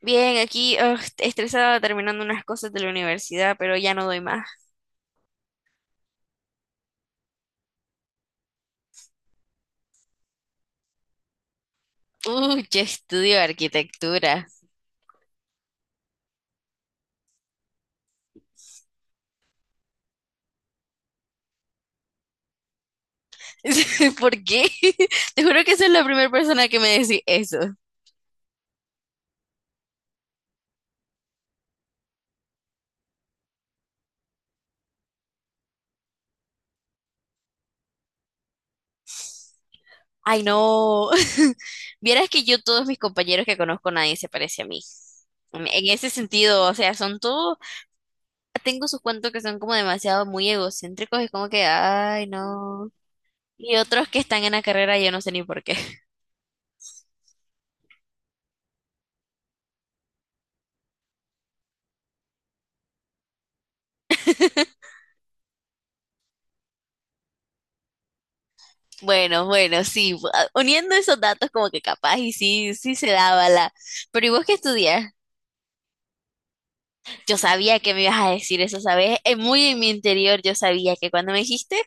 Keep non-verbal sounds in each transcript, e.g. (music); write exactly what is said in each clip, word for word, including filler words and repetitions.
Bien, aquí ugh, estresada terminando unas cosas de la universidad, pero ya no doy más. Uy, yo estudio arquitectura. (laughs) ¿Por qué? (laughs) Te juro que soy la primera persona que me decís eso. Ay, no. (laughs) Vieras que yo, todos mis compañeros que conozco, nadie se parece a mí. En en ese sentido, o sea, son todos, tengo sus cuentos que son como demasiado muy egocéntricos, es como que, ay, no. Y otros que están en la carrera, yo no sé ni por qué. Bueno, bueno, sí, bu- ah, uniendo esos datos como que capaz y sí, sí se daba la... Pero ¿y vos qué estudias? Yo sabía que me ibas a decir eso, ¿sabes? Eh, Muy en mi interior yo sabía que cuando me dijiste,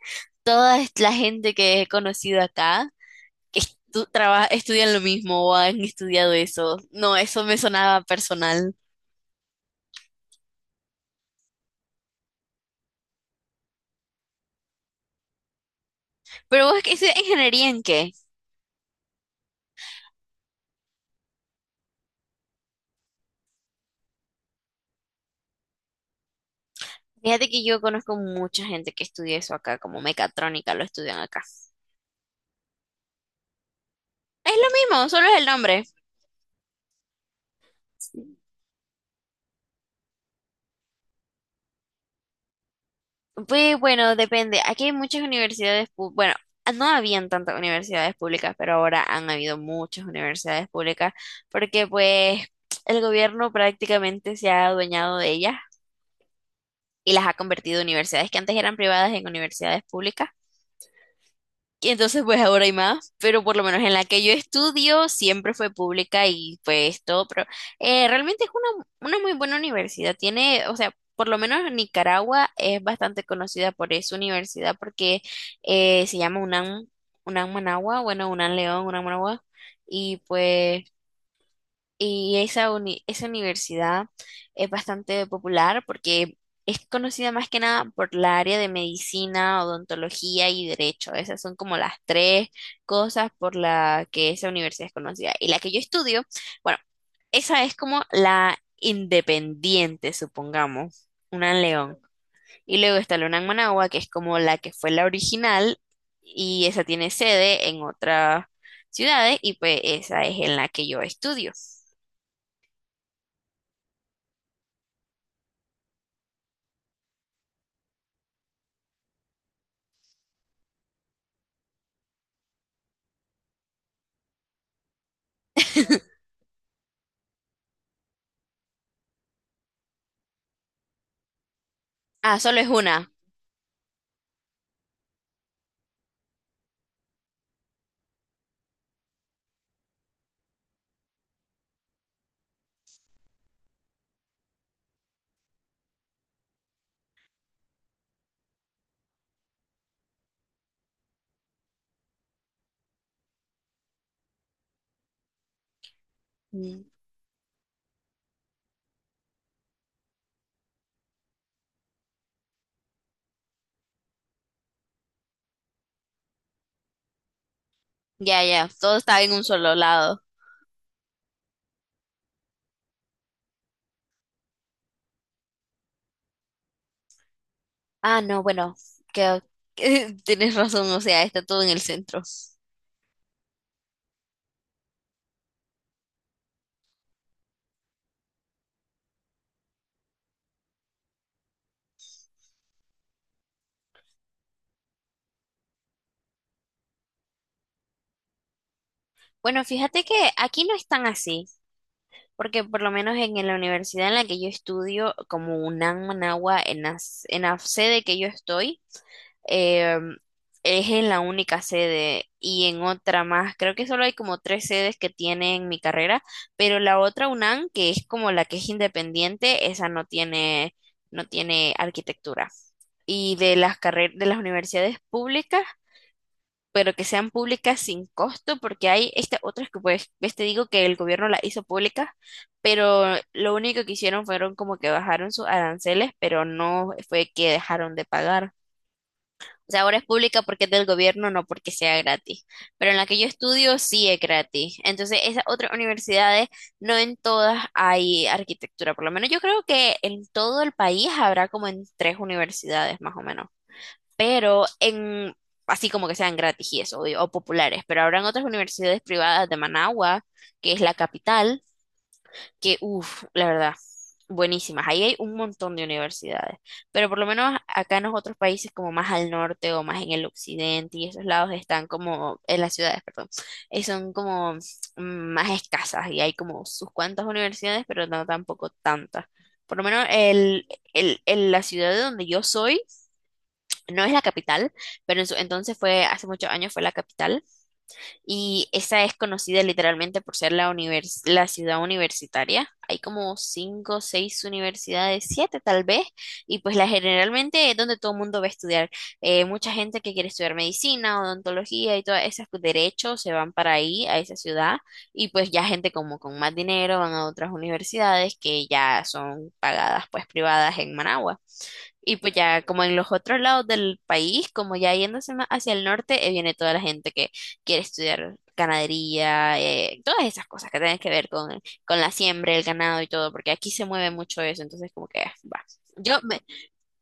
toda es- la gente que he conocido acá, que estu- traba- estudian lo mismo o han estudiado eso. No, eso me sonaba personal. Pero ¿vos qué estudias ingeniería en qué? Fíjate que yo conozco mucha gente que estudia eso acá, como mecatrónica lo estudian acá. Es lo mismo, solo es el nombre. Pues bueno, depende. Aquí hay muchas universidades, pu- bueno, ah, no habían tantas universidades públicas, pero ahora han habido muchas universidades públicas porque pues el gobierno prácticamente se ha adueñado de ellas y las ha convertido en universidades que antes eran privadas en universidades públicas. Y entonces, pues ahora hay más, pero por lo menos en la que yo estudio siempre fue pública y pues todo, pero eh, realmente es una, una muy buena universidad. Tiene, o sea, por lo menos Nicaragua es bastante conocida por esa universidad porque eh, se llama UNAM, UNAM Managua, bueno, UNAM León, UNAM Managua, y pues y esa, uni- esa universidad es bastante popular porque es conocida más que nada por la área de medicina, odontología y derecho. Esas son como las tres cosas por la que esa universidad es conocida. Y la que yo estudio, bueno, esa es como la independiente, supongamos, una en León. Y luego está la UNAM Managua, que es como la que fue la original y esa tiene sede en otras ciudades y pues esa es en la que yo estudio. Ah, solo es una. Mm, ya, ya, todo está en un solo lado. Ah, no, bueno, que, (laughs) tienes razón, o sea, está todo en el centro. Bueno, fíjate que aquí no están así, porque por lo menos en, en la universidad en la que yo estudio, como UNAM Managua, en la, s- en la sede que yo estoy, eh, es en la única sede y en otra más. Creo que solo hay como tres sedes que tienen mi carrera, pero la otra UNAM, que es como la que es independiente, esa no tiene, no tiene arquitectura. Y de las carreras de las universidades públicas, pero que sean públicas sin costo, porque hay estas otras que pues, ves, te digo que el gobierno las hizo públicas, pero lo único que hicieron fueron como que bajaron sus aranceles, pero no fue que dejaron de pagar. O sea, ahora es pública porque es del gobierno, no porque sea gratis. Pero en la que yo estudio sí es gratis. Entonces, esas otras universidades, no en todas hay arquitectura. Por lo menos yo creo que en todo el país habrá como en tres universidades más o menos. Pero en, así como que sean gratis y eso, o, o populares. Pero habrán otras universidades privadas de Managua, que es la capital que, uff, la verdad, buenísimas. Ahí hay un montón de universidades, pero por lo menos acá en los otros países, como más al norte o más en el occidente, y esos lados están como, en las ciudades, perdón, eh, son como mm, más escasas y hay como sus cuantas universidades, pero no tampoco tantas. Por lo menos el, el- el- la ciudad de donde yo soy no es la capital, pero en su- entonces fue, hace muchos años fue la capital y esa es conocida literalmente por ser la, univers- la ciudad universitaria. Hay como cinco o seis universidades, siete tal vez, y pues la generalmente es donde todo el mundo va a estudiar. Eh, mucha gente que quiere estudiar medicina, odontología y todas esas pues, derechos se van para ahí, a esa ciudad, y pues ya gente como con más dinero van a otras universidades que ya son pagadas pues privadas en Managua. Y pues ya como en los otros lados del país, como ya yéndose más hacia el norte, eh, viene toda la gente que quiere estudiar ganadería, eh, todas esas cosas que tienen que ver con, con la siembra, el ganado y todo, porque aquí se mueve mucho eso, entonces como que ah, va. Yo me,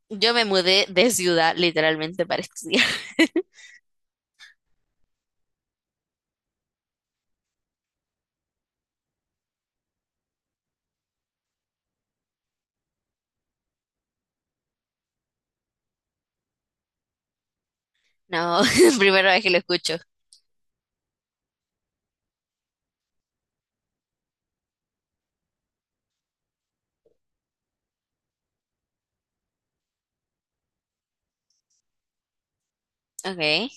yo me mudé de ciudad literalmente para estudiar. (laughs) No, (laughs) primera vez que lo escucho. Ok.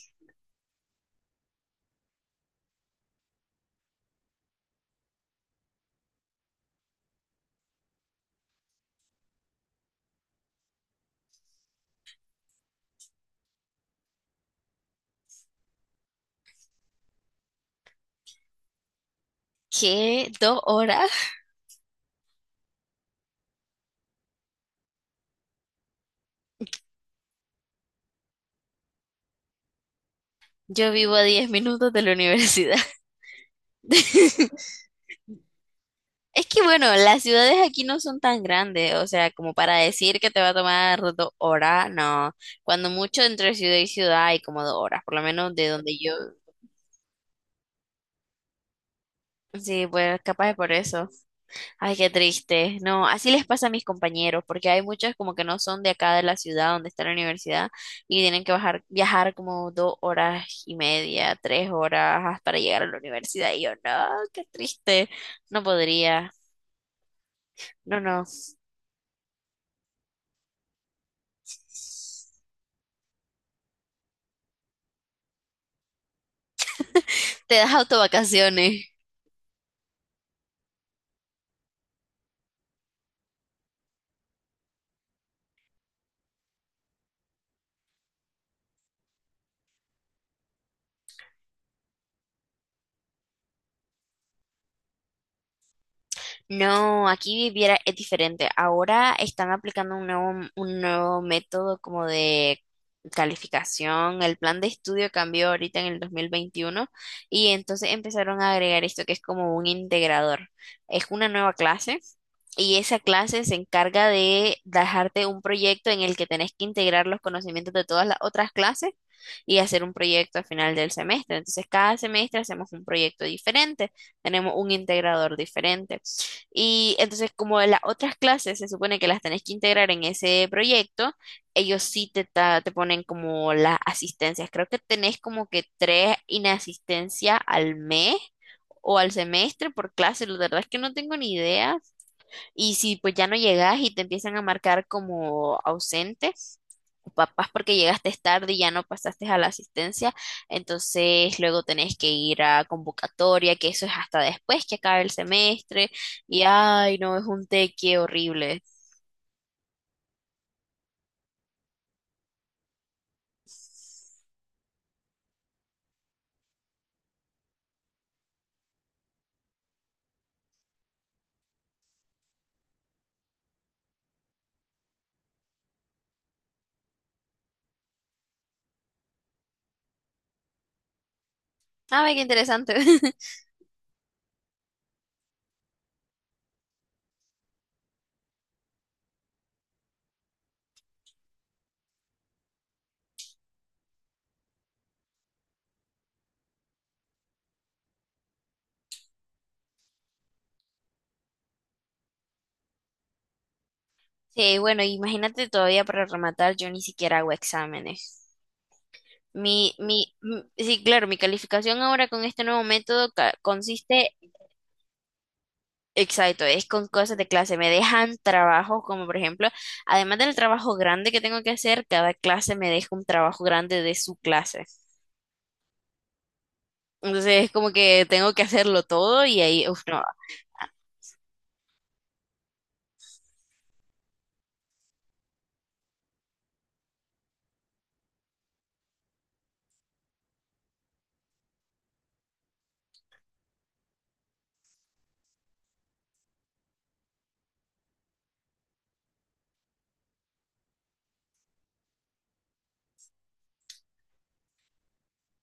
¿Qué? ¿Dos horas? Yo vivo a diez minutos de la universidad. (laughs) Es que bueno, las ciudades aquí no son tan grandes, o sea, como para decir que te va a tomar dos horas, no. Cuando mucho entre ciudad y ciudad hay como dos horas, por lo menos de donde yo. Sí, pues capaz es por eso. Ay, qué triste. No, así les pasa a mis compañeros, porque hay muchos como que no son de acá de la ciudad donde está la universidad y tienen que bajar, viajar como dos horas y media, tres horas para llegar a la universidad. Y yo, no, qué triste. No podría. No, no. Te das autovacaciones. No, aquí viviera es diferente. Ahora están aplicando un nuevo, un nuevo método como de calificación. El plan de estudio cambió ahorita en el dos mil veintiuno y entonces empezaron a agregar esto que es como un integrador. Es una nueva clase y esa clase se encarga de dejarte un proyecto en el que tenés que integrar los conocimientos de todas las otras clases y hacer un proyecto al final del semestre. Entonces, cada semestre hacemos un proyecto diferente, tenemos un integrador diferente. Y entonces, como las otras clases se supone que las tenés que integrar en ese proyecto, ellos sí te, ta- te ponen como las asistencias. Creo que tenés como que tres inasistencias al mes o al semestre por clase. La verdad es que no tengo ni idea, y si pues ya no llegas y te empiezan a marcar como ausente, o papás porque llegaste tarde y ya no pasaste a la asistencia, entonces luego tenés que ir a convocatoria, que eso es hasta después que acabe el semestre, y ay, no, es un teque horrible. Ah, ve qué interesante. (laughs) Sí, bueno, imagínate todavía para rematar, yo ni siquiera hago exámenes. Mi, mi, m- sí, claro, mi calificación ahora con este nuevo método ca- consiste. Exacto, es con cosas de clase. Me dejan trabajos como por ejemplo, además del trabajo grande que tengo que hacer, cada clase me deja un trabajo grande de su clase. Entonces es como que tengo que hacerlo todo y ahí, uff, no,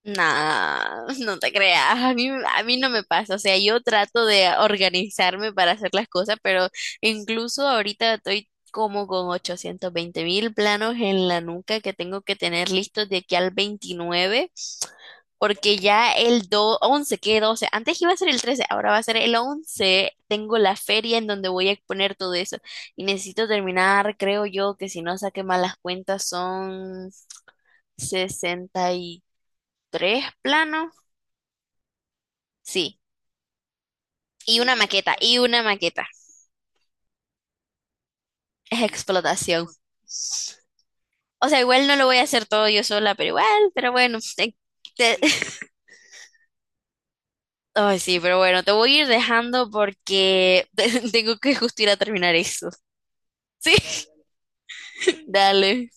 nada, (laughs) no te creas, a mí, a mí no me pasa. O sea, yo trato de organizarme para hacer las cosas, pero incluso ahorita estoy como con ochocientos veinte mil planos en la nuca que tengo que tener listos de aquí al veintinueve. Porque ya el do once que doce. Antes iba a ser el trece, ahora va a ser el once. Tengo la feria en donde voy a exponer todo eso. Y necesito terminar, creo yo, que si no saqué malas cuentas son sesenta y tres planos. Sí, y una maqueta, y una maqueta. Es explotación. O sea, igual no lo voy a hacer todo yo sola, pero igual, pero bueno. te- te- (laughs) Ay, sí, pero bueno, te voy a ir dejando porque (laughs) tengo que justo ir a terminar eso. Sí, (laughs) dale.